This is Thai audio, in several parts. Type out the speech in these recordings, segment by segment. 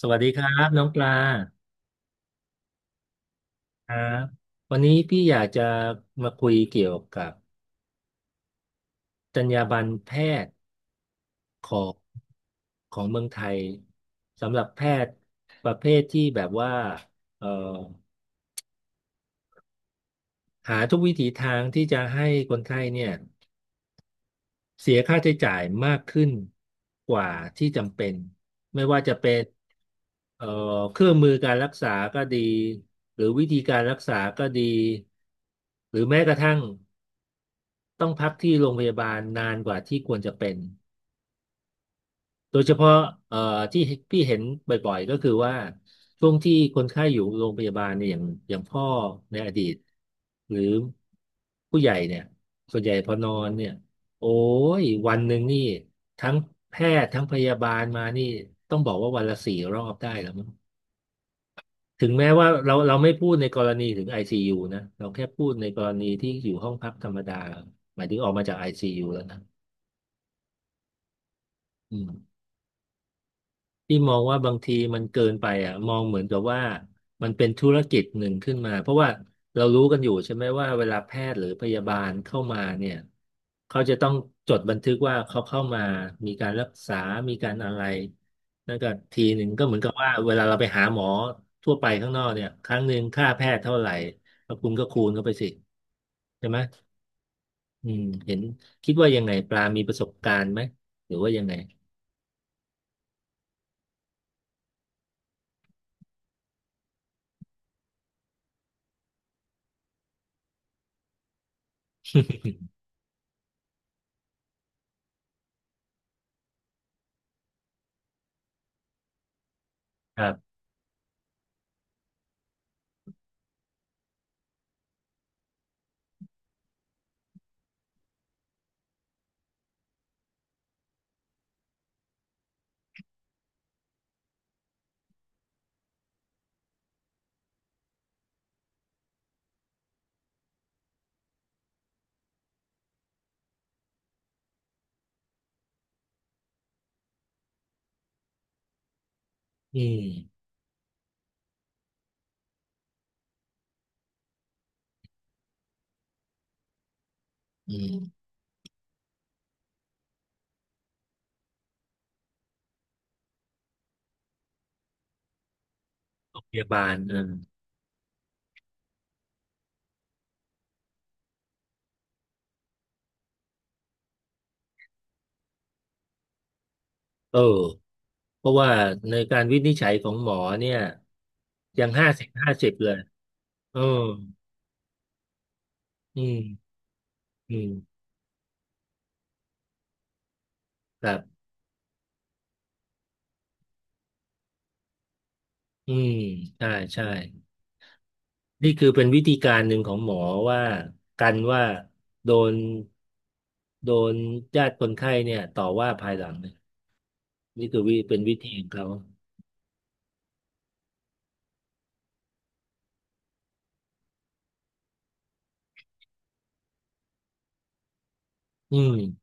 สวัสดีครับน้องปลาครับวันนี้พี่อยากจะมาคุยเกี่ยวกับจรรยาบรรณแพทย์ของของเมืองไทยสำหรับแพทย์ประเภทที่แบบว่าเอ่อหาทุกวิถีทางที่จะให้คนไข้เนี่ยเสียค่าใช้จ่ายมากขึ้นกว่าที่จำเป็นไม่ว่าจะเป็นเอ่อเครื่องมือการรักษาก็ดีหรือวิธีการรักษาก็ดีหรือแม้กระทั่ง ต้องพักที่โรงพยาบาลนานกว่าที่ควรจะเป็น โดยเฉพาะเอ่อที่พี่เห็นบ่อยๆก็คือว่าช่วงที่คนไข้อยู่โรงพยาบาลเนี่ยอย่างพ่อในอดีตหรือผู้ใหญ่เนี่ยส่วนใหญ่พอนอนเนี่ยโอ้ยวันหนึ่งนี่ทั้งแพทย์ทั้งพยาบาลมานี่ต้องบอกว่าวันละสี่รอบได้แล้วมั้งถึงแม้ว่าเราไม่พูดในกรณีถึง ICU นะเราแค่พูดในกรณีที่อยู่ห้องพักธรรมดาหมายถึงออกมาจาก ICU แล้วนะอืม ที่มองว่าบางทีมันเกินไปอ่ะมองเหมือนกับว่ามันเป็นธุรกิจหนึ่งขึ้นมาเพราะว่าเรารู้กันอยู่ใช่ไหมว่าเวลาแพทย์หรือพยาบาลเข้ามาเนี่ยเขาจะต้องจดบันทึกว่าเขาเข้ามามีการรักษามีการอะไรนั่นก็ทีหนึ่งก็เหมือนกับว่าเวลาเราไปหาหมอทั่วไปข้างนอกเนี่ยครั้งหนึ่งค่าแพทย์เท่าไหร่แล้วคุณก็คูณเข้าไปสิใช่ไหมอืมเห็นคิดว่ายังไงปลามีประสบการณ์ไหมหรือว่ายังไงครับอืมอืม โรงพยาบาลเออเออเพราะว่าในการวินิจฉัยของหมอเนี่ยยังห้าสิบห้าสิบเลยเอออืมอืมครับอืมใช่ใช่นี่คือเป็นวิธีการหนึ่งของหมอว่ากันว่าโดนโดนญาติคนไข้เนี่ยต่อว่าภายหลังเนี่ยนี่คือเป็นวิธีของเขาอืม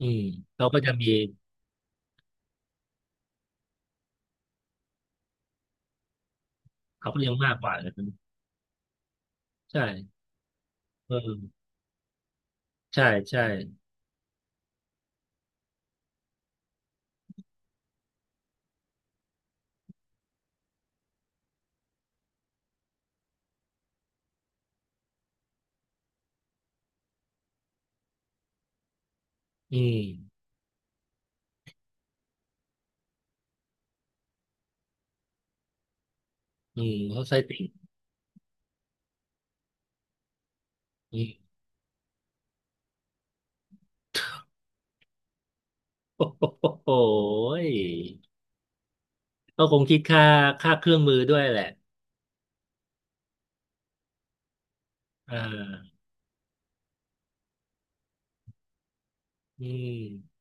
อืมเขาก็จะมีเขาก็ยังมากกว่าเลยนะใช่เออใช่ใช่อืมอืมเขาใช้ติ่ง โอ้โหยก็คงคิดค่าเครื่องมือด้วยแหละอ่าอืม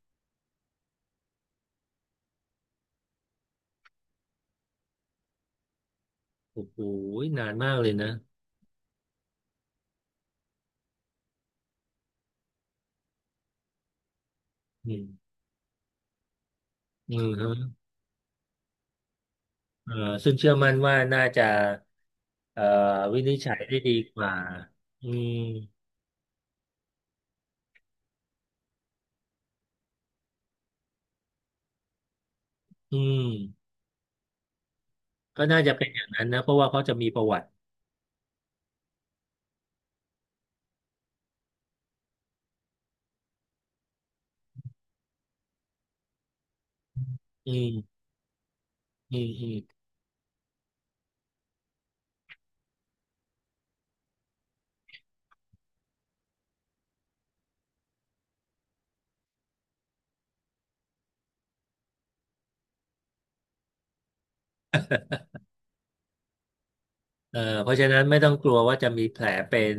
โอ้โหยนานมากเลยนะอืมอืมฮะเอ่อซึ่งเชื่อมั่นว่าน่าจะเอ่อวินิจฉัยได้ดีกว่าอืมอืมก็น่าจะเป็นอย่างนั้นนะเพราะว่าเขาจะมีประวัติอืมอืมอืมเพราะฉะนั้นไม่ต้องกลัวว่าจะมีแผลเป็น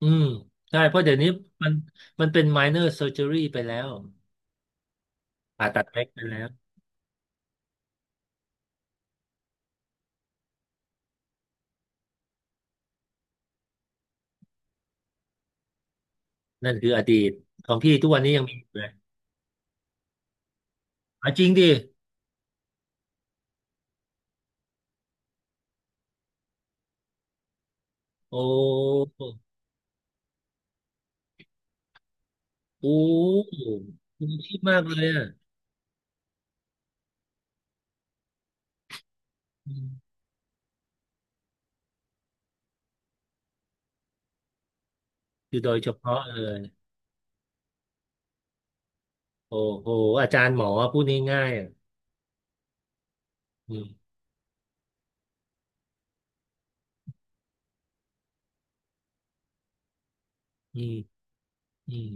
อืมใช่ เพราะเดี๋ยวนี้มันมันเป็น minor surgery ไปแล้วผ่าตัดเล็กไปแล้ว นั่นคืออดีตของพี่ทุกวันนี้ยังมีอยู่เลยอ่ะจริงดิโอ้โอ้คุณคิดมากเลยอ่ะอืมคือโดยเฉพาะเลยโอ้โหอาจารย์หมอพูดง่ายๆอ่ะอืมอืมอืม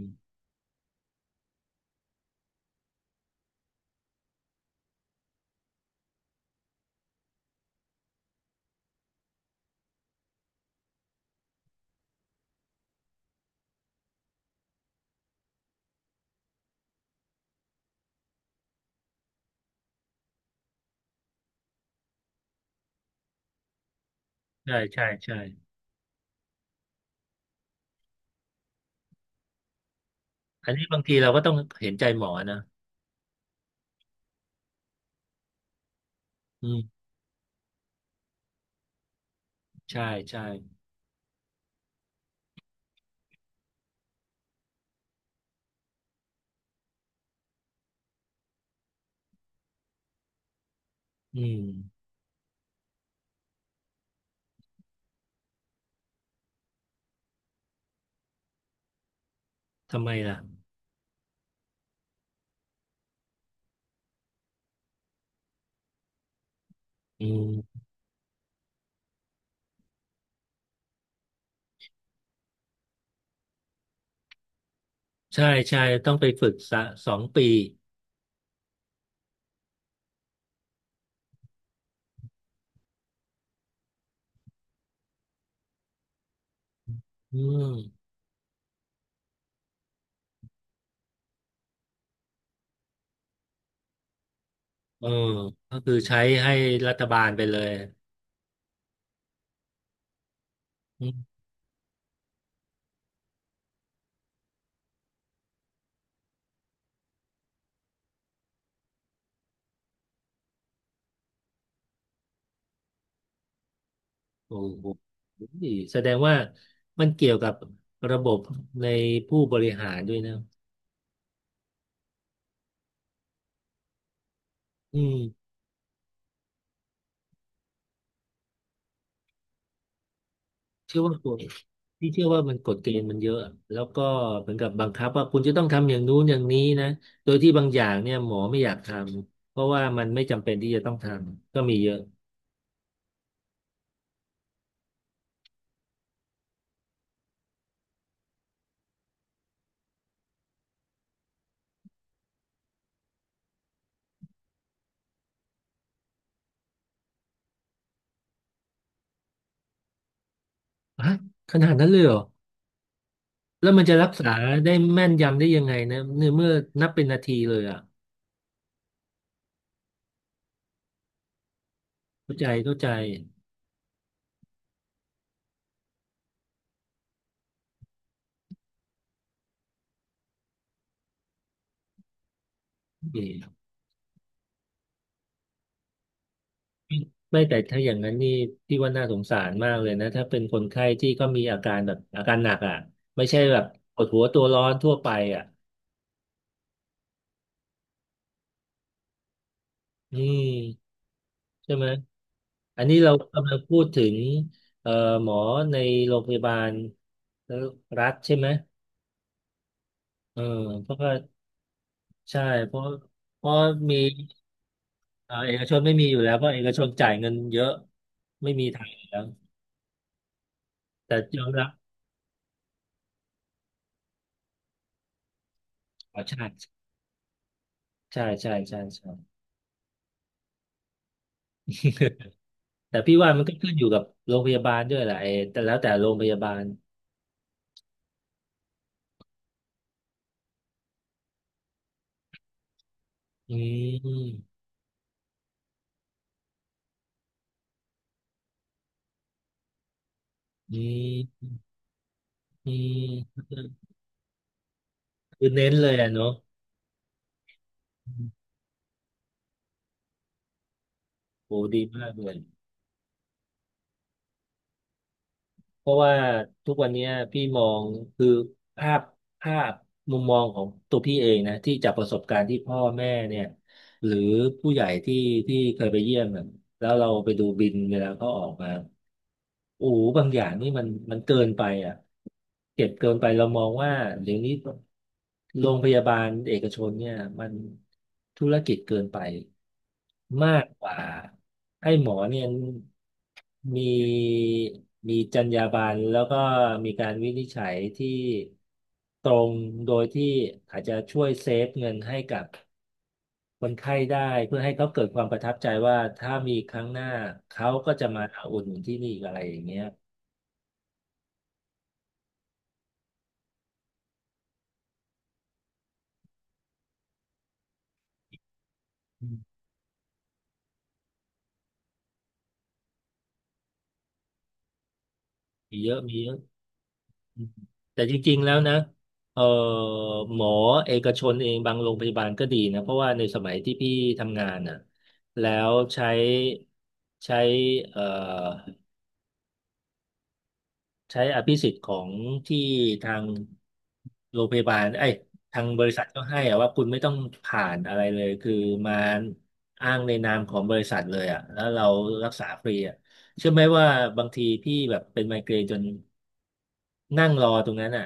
ใช่ใช่ใช่อันนี้บางทีเราก็ต้องเห็นใจหมอนะอืมใช่ใช่อืมทำไมล่ะอืมใช่ใช่ต้องไปฝึกสะสองปีอืมเออก็คือใช้ให้รัฐบาลไปเลย โอ้โหแสดงว่ามันเกี่ยวกับระบบในผู้บริหารด้วยนะอืมเชื่อว่าตัวพี่เชื่อว่ามันกฎเกณฑ์มันเยอะแล้วก็เหมือนกับบังคับว่าคุณจะต้องทำอย่างนู้นอย่างนี้นะโดยที่บางอย่างเนี่ยหมอไม่อยากทำ เพราะว่ามันไม่จำเป็นที่จะต้องทำ ก็มีเยอะฮะขนาดนั้นเลยเหรอ แล้วมันจะรักษาได้แม่นยำได้ยังไงนะเนี่ยเมื่อนับเป็นนาทีเลยอ่ะเข้าใจเข้าใจโอเค ไม่แต่ถ้าอย่างนั้นนี่พี่ว่าน่าสงสารมากเลยนะถ้าเป็นคนไข้ที่ก็มีอาการแบบอาการหนักอ่ะไม่ใช่แบบปวดหัวตัวร้อนทั่วไปอ่ะอืมใช่ไหมอันนี้เรากำลังพูดถึงเอ่อหมอในโรงพยาบาลรัฐใช่ไหมเออเพราะว่าใช่เพราะเพราะมีเอกชนไม่มีอยู่แล้วเพราะเอกชนจ่ายเงินเยอะไม่มีทางแล้วแต่ยอมรับอ๋อใช่ใช่ใช่ใช่ใช่ แต่พี่ว่ามันก็ขึ้นอยู่กับโรงพยาบาลด้วยแหละไอ้แต่แล้วแต่โรงพยาบาลอืมอืมอืมคือเน้นเลยอะเนาะอืมโอ้ดีมากเลย เพราะว่าทุกวันเนี้ยพี่มองคือภาพภาพมุมมองของตัวพี่เองนะที่จากประสบการณ์ที่พ่อแม่เนี่ย หรือผู้ใหญ่ที่ที่เคยไปเยี่ยมน่ะแล้วเราไปดูบินเวลาเขาออกมาโอ้โหบางอย่างนี่มันมันเกินไปอ่ะเก็บเกินไปเรามองว่าเดี๋ยวนี้โรงพยาบาลเอกชนเนี่ยมันธุรกิจเกินไปมากกว่าให้หมอเนี่ยมีมีจรรยาบรรณแล้วก็มีการวินิจฉัยที่ตรงโดยที่อาจจะช่วยเซฟเงินให้กับ คนไข้ได้เพื่อให้เขาเกิดความประทับใจว่าถ้ามีครั้งหน้าเขาก็จะมาอุดหนุนที่นี่อีกอะไรอย่างเงี้ยอืมมีเยอะมีเยอะอืมแต่จริงๆแล้วนะเออหมอเอกชนเองบางโรงพยาบาลก็ดีนะเพราะว่าในสมัยที่พี่ทำงานน่ะแล้วใช้เอ่อ ใช้อภิสิทธิ์ของที่ทางโรงพยาบาลไอ้ยทางบริษัทก็ให้อะว่าคุณไม่ต้องผ่านอะไรเลยคือมาอ้างในนามของบริษัทเลยอ่ะแล้วเรารักษาฟรีอ่ะเชื่อไหมว่าบางทีพี่แบบเป็นไมเกรนจนนั่งรอตรงนั้นอ่ะ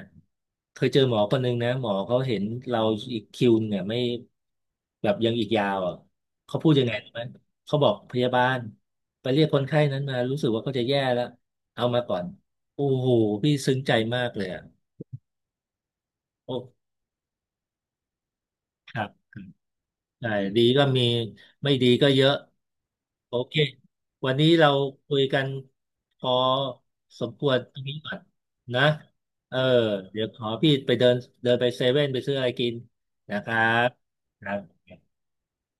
เคยเจอหมอคนนึงนะหมอเขาเห็นเราอีกคิวเนี่ยไม่แบบยังอีกยาวอ่ะเขาพูดยังไงรู้ไหมเขาบอกพยาบาลไปเรียกคนไข้นั้นมารู้สึกว่าเขาจะแย่แล้วเอามาก่อน โอ้โห พี่ซึ้งใจมากเลยอ่ะโอ้ครับใช่ดีก็มี ไม่ดีก็เยอะ โอเค วันนี้เราคุยกันพอสมควรตรงนี้ก่อนนะเออเดี๋ยวขอพี่ไปเดินเดินไปเซเว่นไปซื้ออะไรกินนะครับครับ